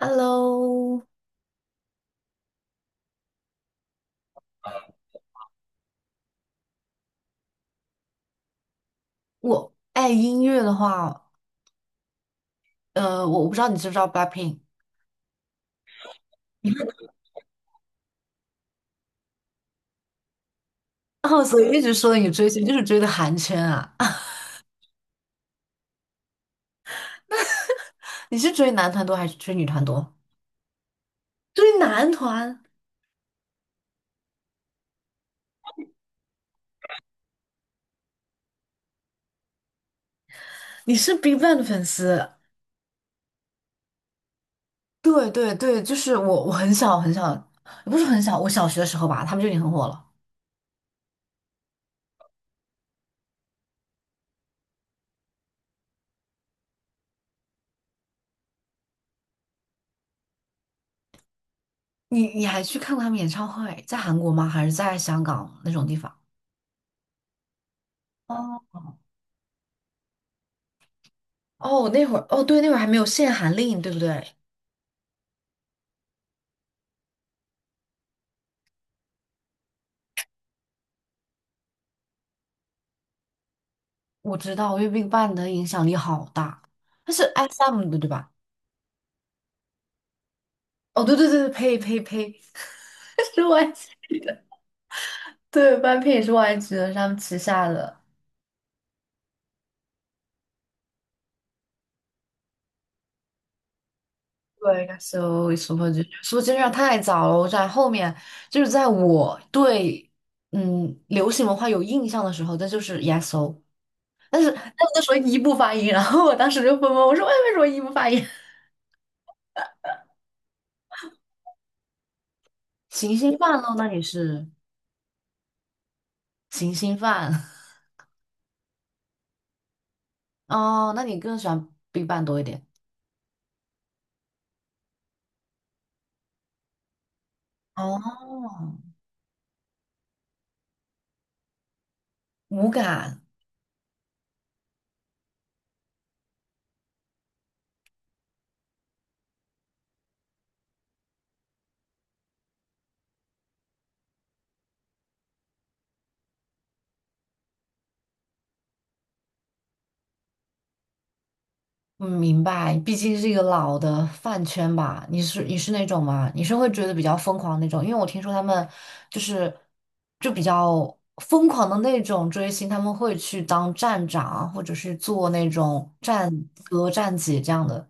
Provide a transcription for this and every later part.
Hello，我爱音乐的话，我不知道你知不知道 BLACKPINK。哦，所以一直说你追星就是追的韩圈啊。你是追男团多还是追女团多？追男团。你是 BigBang 的粉丝？对对对，就是我，我很小，也不是很小，我小学的时候吧，他们就已经很火了。你你还去看过他们演唱会，在韩国吗？还是在香港那种地方？哦哦，那会儿哦，对，那会儿还没有限韩令，对不对？我知道月 n 办的影响力好大，它是 SM 的对吧？哦，对对对对，呸呸呸，是 YG 的。对，半片也是 YG 的，是他们旗下的。对，应该是 Super Junior。Super Junior 太早了，我在后面就是在我对嗯流行文化有印象的时候，那就是 e S o， 但是他们那时候一不发音，然后我当时就懵懵，我说为什么一不发音？行星饭喽。那你是行星饭。 哦，那你更喜欢 Big Bang 多一点？哦，无感。嗯，明白。毕竟是一个老的饭圈吧。你是那种吗？你是会觉得比较疯狂那种？因为我听说他们就是就比较疯狂的那种追星，他们会去当站长，或者是做那种站哥、站姐这样的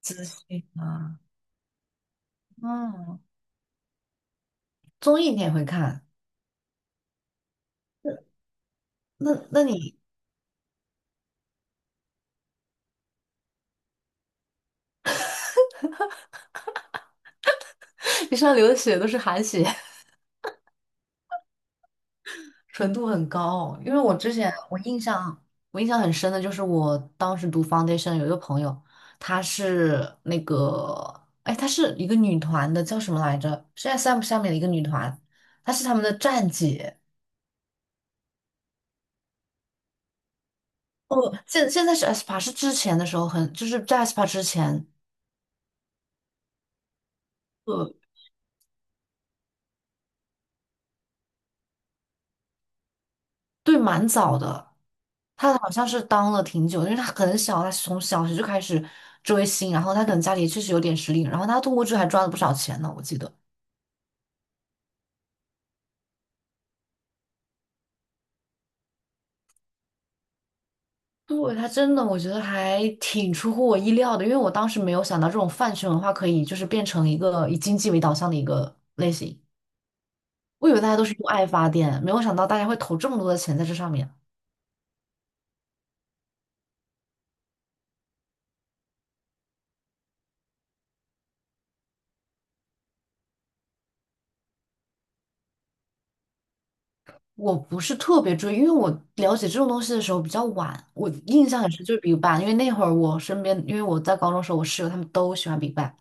资讯啊。嗯，综艺你也会看？那那你。 你上流的血都是韩血？纯度很高。因为我之前我印象很深的就是我当时读 foundation 有一个朋友，她是那个哎，她是一个女团的，叫什么来着？是 SM 下面的一个女团，她是他们的站姐。哦，现在是 aespa，是之前的时候很就是在 aespa 之前，呃，对，蛮早的。她好像是当了挺久，因为她很小，她从小学就开始追星，然后她可能家里确实有点实力，然后她通过这还赚了不少钱呢，我记得。对，他真的，我觉得还挺出乎我意料的，因为我当时没有想到这种饭圈文化可以就是变成一个以经济为导向的一个类型。我以为大家都是用爱发电，没有想到大家会投这么多的钱在这上面。我不是特别追，因为我了解这种东西的时候比较晚，我印象很深就是 BigBang，因为那会儿我身边，因为我在高中的时候，我室友他们都喜欢 BigBang。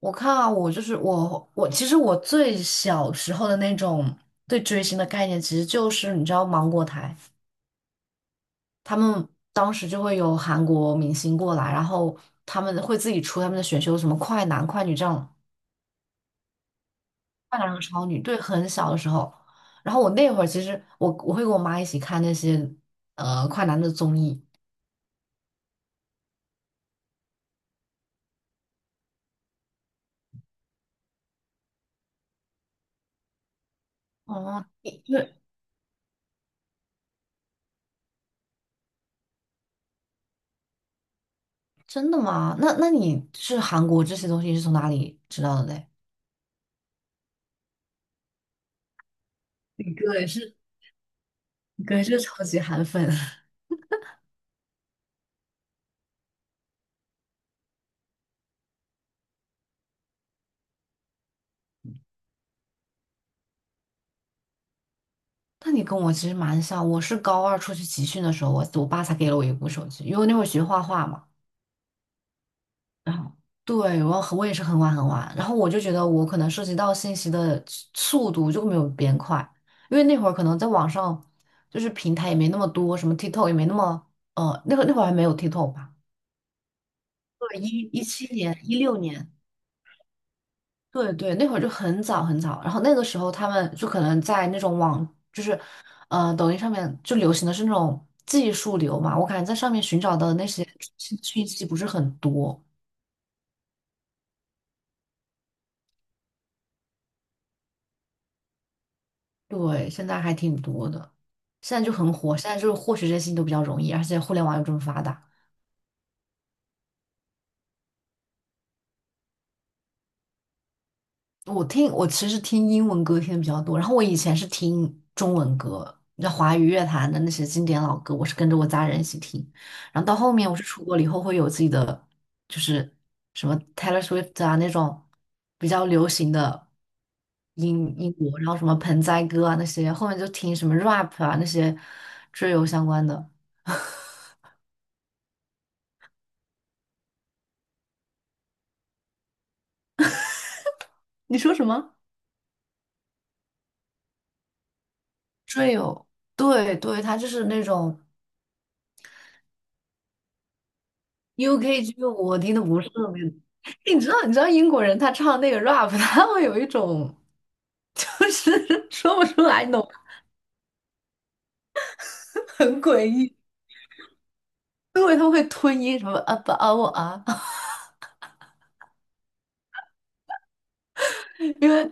我看啊，我就是我，我其实我最小时候的那种对追星的概念，其实就是你知道芒果台。他们当时就会有韩国明星过来，然后他们会自己出他们的选秀，什么快男、快女这样，快男和超女，对，很小的时候。然后我那会儿其实我会跟我妈一起看那些快男的综艺。哦，你对。真的吗？那那你是韩国这些东西是从哪里知道的嘞？你哥也是，你哥也是超级韩粉。那你跟我其实蛮像，我是高二出去集训的时候，我爸才给了我一部手机，因为我那会儿学画画嘛。然后对，我也是很晚很晚，然后我就觉得我可能涉及到信息的速度就没有别人快，因为那会儿可能在网上就是平台也没那么多，什么 TikTok 也没那么那会那会儿还没有 TikTok 吧？对，一一七年、一六年，对对，那会儿就很早很早，然后那个时候他们就可能在那种网就是抖音上面就流行的是那种技术流嘛，我感觉在上面寻找的那些信讯息不是很多。对，现在还挺多的，现在就很火，现在就是获取这些信息都比较容易，而且互联网又这么发达。我听，我其实听英文歌听的比较多，然后我以前是听中文歌，那华语乐坛的那些经典老歌，我是跟着我家人一起听，然后到后面我是出国了以后会有自己的，就是什么 Taylor Swift 啊那种比较流行的英英国，然后什么盆栽歌啊那些，后面就听什么 rap 啊那些追游相关的。你说什么？Drill，对对，他就是那种 UK g 我听的不是特别。你知道你知道英国人他唱那个 rap，他会有一种就是 说不出来，你懂吗。 很诡异，因为他会吞音什么啊不啊我啊。因为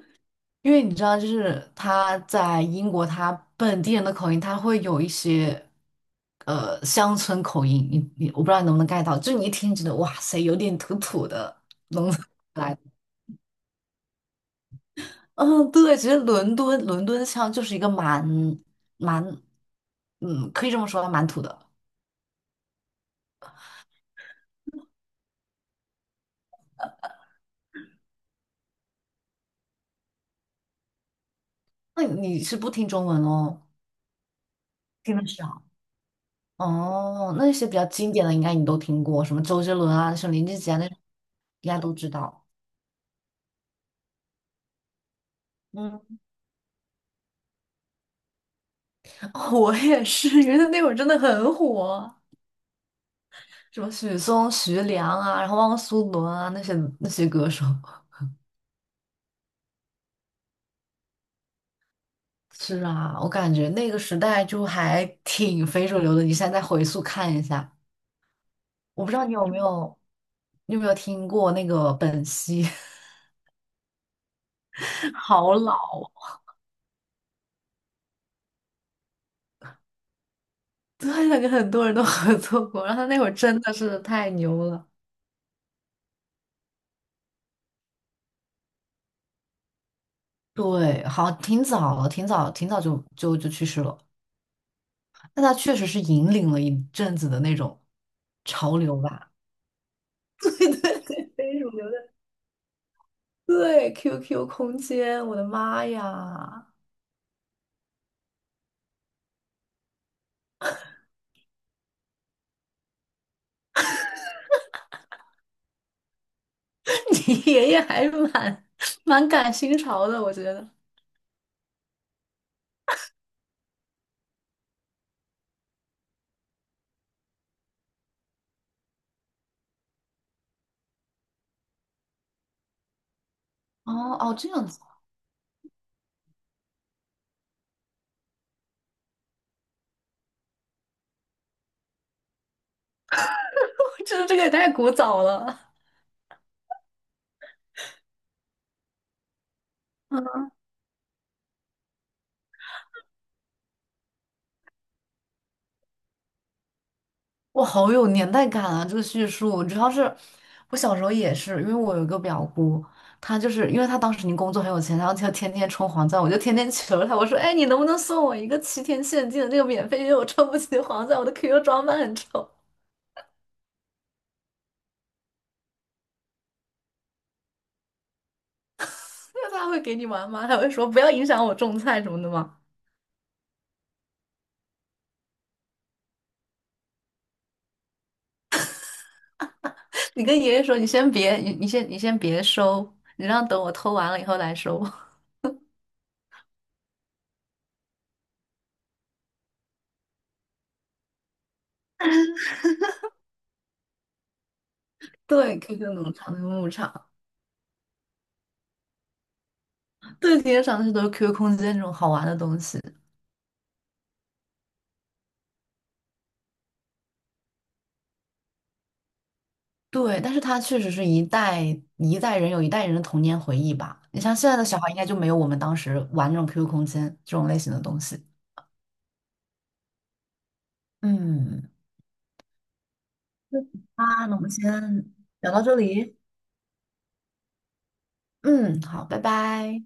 因为你知道，就是他在英国他本地人的口音，他会有一些乡村口音，你我不知道你能不能 get 到，就你一听觉得哇塞，有点土土的农村。嗯，对，其实伦敦腔就是一个蛮蛮，嗯，可以这么说吧，蛮土的。那你是不听中文哦？听得少。哦，那些比较经典的应该你都听过，什么周杰伦啊、什么林俊杰啊，那种应该都知道。嗯，我也是，因为那会儿真的很火，什么许嵩、徐良啊，然后汪苏泷啊，那些那些歌手。是啊，我感觉那个时代就还挺非主流的。你现在再回溯看一下。我不知道你有没有，你有没有听过那个本兮。好老哦。对，那跟很多人都合作过，然后他那会儿真的是太牛了。对，好，挺早了，挺早，挺早就去世了，但他确实是引领了一阵子的那种潮流吧。对对对，非主流的。对，QQ 空间，我的妈呀。你爷爷还是蛮蛮赶新潮的，我觉得。哦哦，这样子。这个也太古早了。哇，好有年代感啊！这个叙述，主要是我小时候也是，因为我有一个表姑，她就是因为她当时已经工作很有钱，然后她就天天充黄钻，我就天天求她，我说：“哎，你能不能送我一个七天限定的那个免费？因为我充不起黄钻，我的 QQ 装扮很丑。那她会给你玩吗？她会说不要影响我种菜什么的吗？你跟爷爷说，你先别，你先别收，你让等我偷完了以后来收。对，QQ 农场那个牧场。对，今天上的是都是 QQ 空间那种好玩的东西。对，但是它确实是一代人有一代人的童年回忆吧。你像现在的小孩，应该就没有我们当时玩那种 QQ 空间这种类型的东西。嗯，啊，那我们先聊到这里。嗯，好，拜拜。